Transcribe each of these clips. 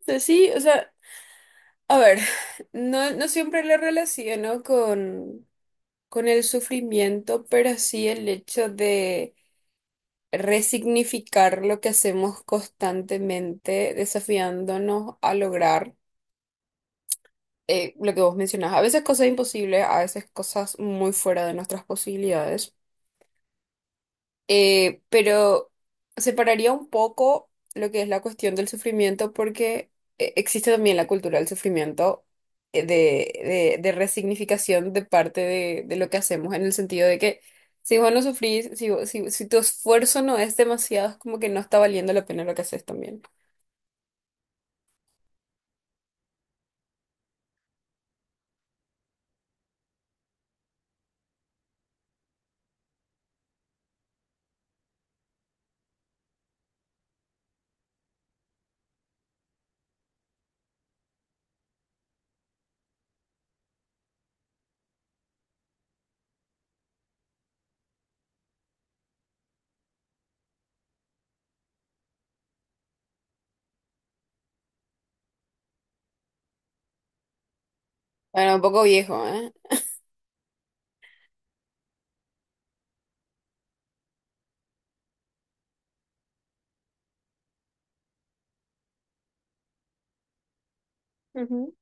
Sea, sí, o sea, a ver, no, no siempre lo relaciono con el sufrimiento, pero sí el hecho de resignificar lo que hacemos constantemente, desafiándonos a lograr lo que vos mencionás. A veces cosas imposibles, a veces cosas muy fuera de nuestras posibilidades. Pero separaría un poco lo que es la cuestión del sufrimiento porque existe también la cultura del sufrimiento eh, de, de resignificación de parte de lo que hacemos en el sentido de que si vos no sufrís, si tu esfuerzo no es demasiado, es como que no está valiendo la pena lo que haces también. Bueno, un poco viejo, ¿eh? Ujú.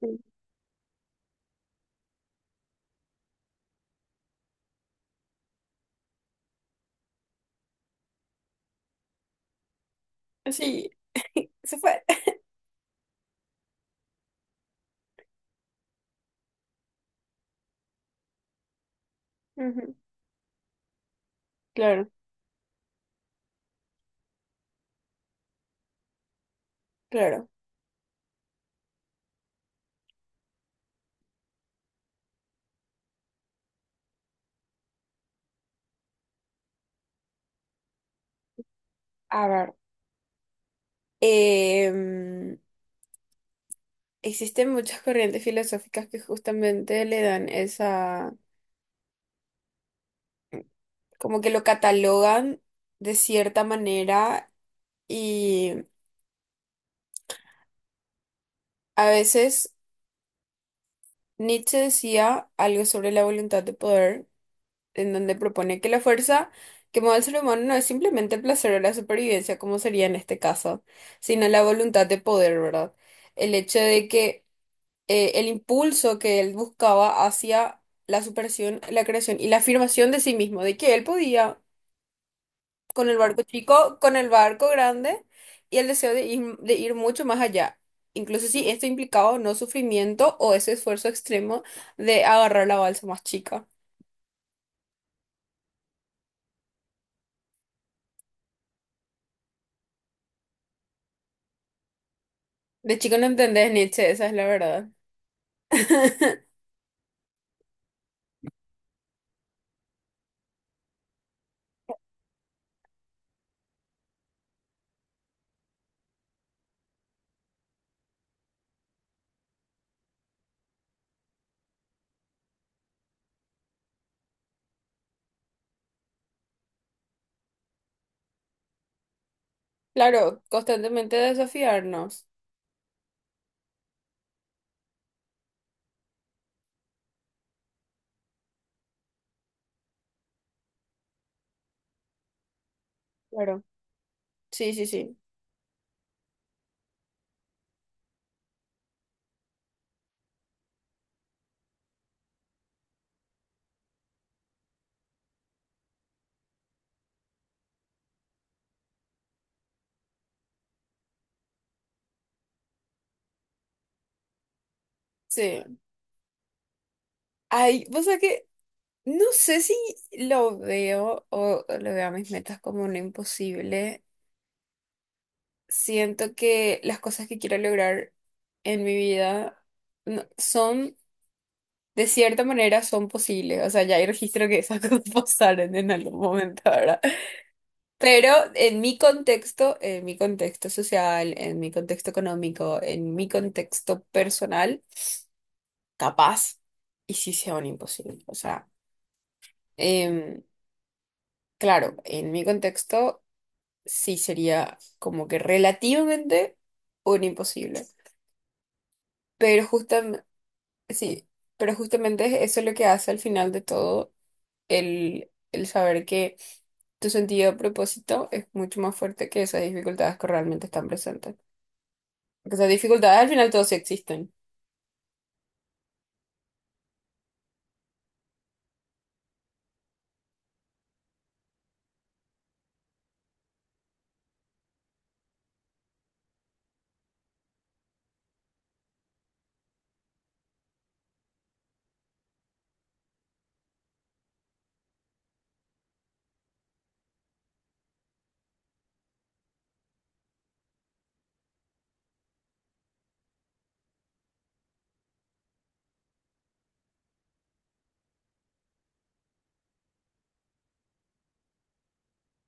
Sí. Sí, se fue. Ujú. Claro, claro. A ver. em, Existen muchas corrientes filosóficas que justamente le dan esa, como que lo catalogan de cierta manera y a veces Nietzsche decía algo sobre la voluntad de poder, en donde propone que la fuerza que mueve al ser humano no es simplemente el placer o la supervivencia, como sería en este caso, sino la voluntad de poder, ¿verdad? El hecho de que el impulso que él buscaba hacia la superación, la creación y la afirmación de sí mismo, de que él podía con el barco chico, con el barco grande y el deseo de ir mucho más allá. Incluso si esto implicaba o no sufrimiento o ese esfuerzo extremo de agarrar la balsa más chica. De chico no entendés Nietzsche, esa es la verdad. Claro, constantemente desafiarnos. Claro. Sí, sí, sí. Sí. Ay, o sea que no sé si lo veo o lo veo a mis metas como un imposible. Siento que las cosas que quiero lograr en mi vida no- son, de cierta manera, son posibles. O sea, ya hay registro que esas cosas pasaron en algún momento, ¿verdad? Pero en mi contexto social, en mi contexto económico, en mi contexto personal, capaz y sí sea un imposible. O sea, em, claro, en mi contexto sí sería como que relativamente un imposible. Pero sí, pero justamente eso es lo que hace al final de todo el saber que tu sentido de propósito es mucho más fuerte que esas dificultades que realmente están presentes. Porque esas dificultades al final todos sí existen.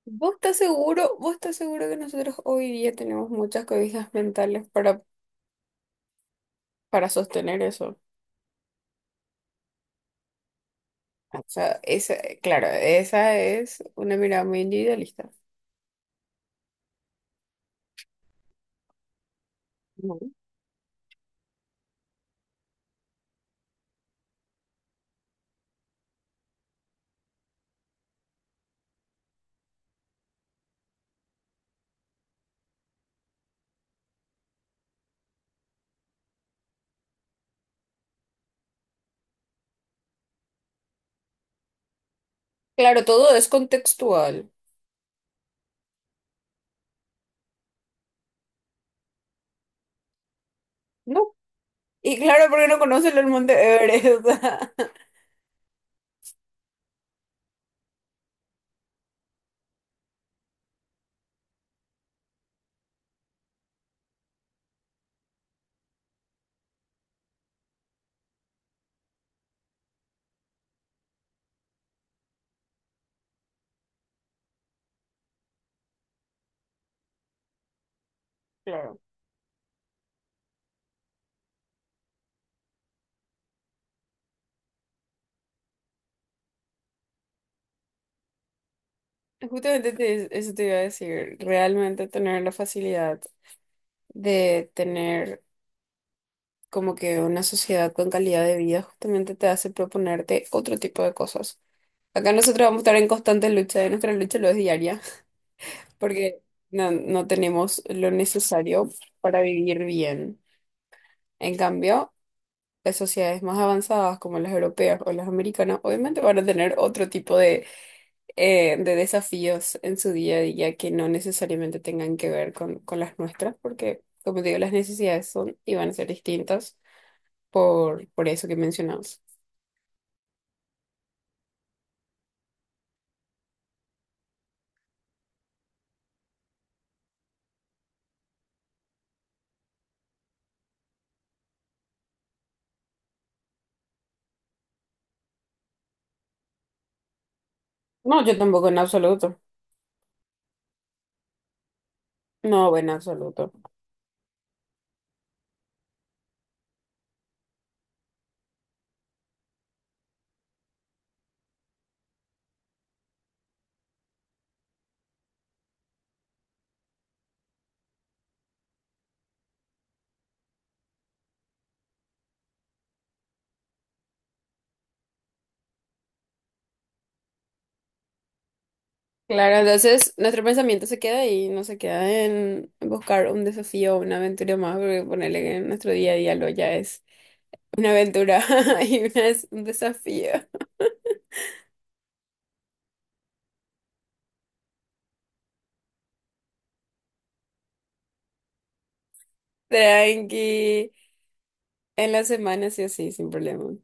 ¿Vos estás seguro? ¿Vos estás seguro que nosotros hoy día tenemos muchas cobijas mentales para sostener eso? O sea, esa, claro, esa es una mirada muy individualista. No. Claro, todo es contextual. No. Y claro, porque no conocen el monte Everest. Claro. Justamente te- eso te iba a decir, realmente tener la facilidad de tener como que una sociedad con calidad de vida justamente te hace proponerte otro tipo de cosas. Acá nosotros vamos a estar en constante lucha, y nuestra lucha lo es diaria, porque no, no tenemos lo necesario para vivir bien. En cambio, las sociedades más avanzadas como las europeas o las americanas obviamente van a tener otro tipo de desafíos en su día a día que no necesariamente tengan que ver con las nuestras, porque, como te digo, las necesidades son y van a ser distintas por eso que mencionamos. No, yo tampoco en absoluto. No, en absoluto. Claro, entonces nuestro pensamiento se queda ahí, no se queda en buscar un desafío o una aventura más, porque ponerle que en nuestro día a día lo ya es una aventura y una es un desafío. Tranqui, en la semana sí o sí, sin problema.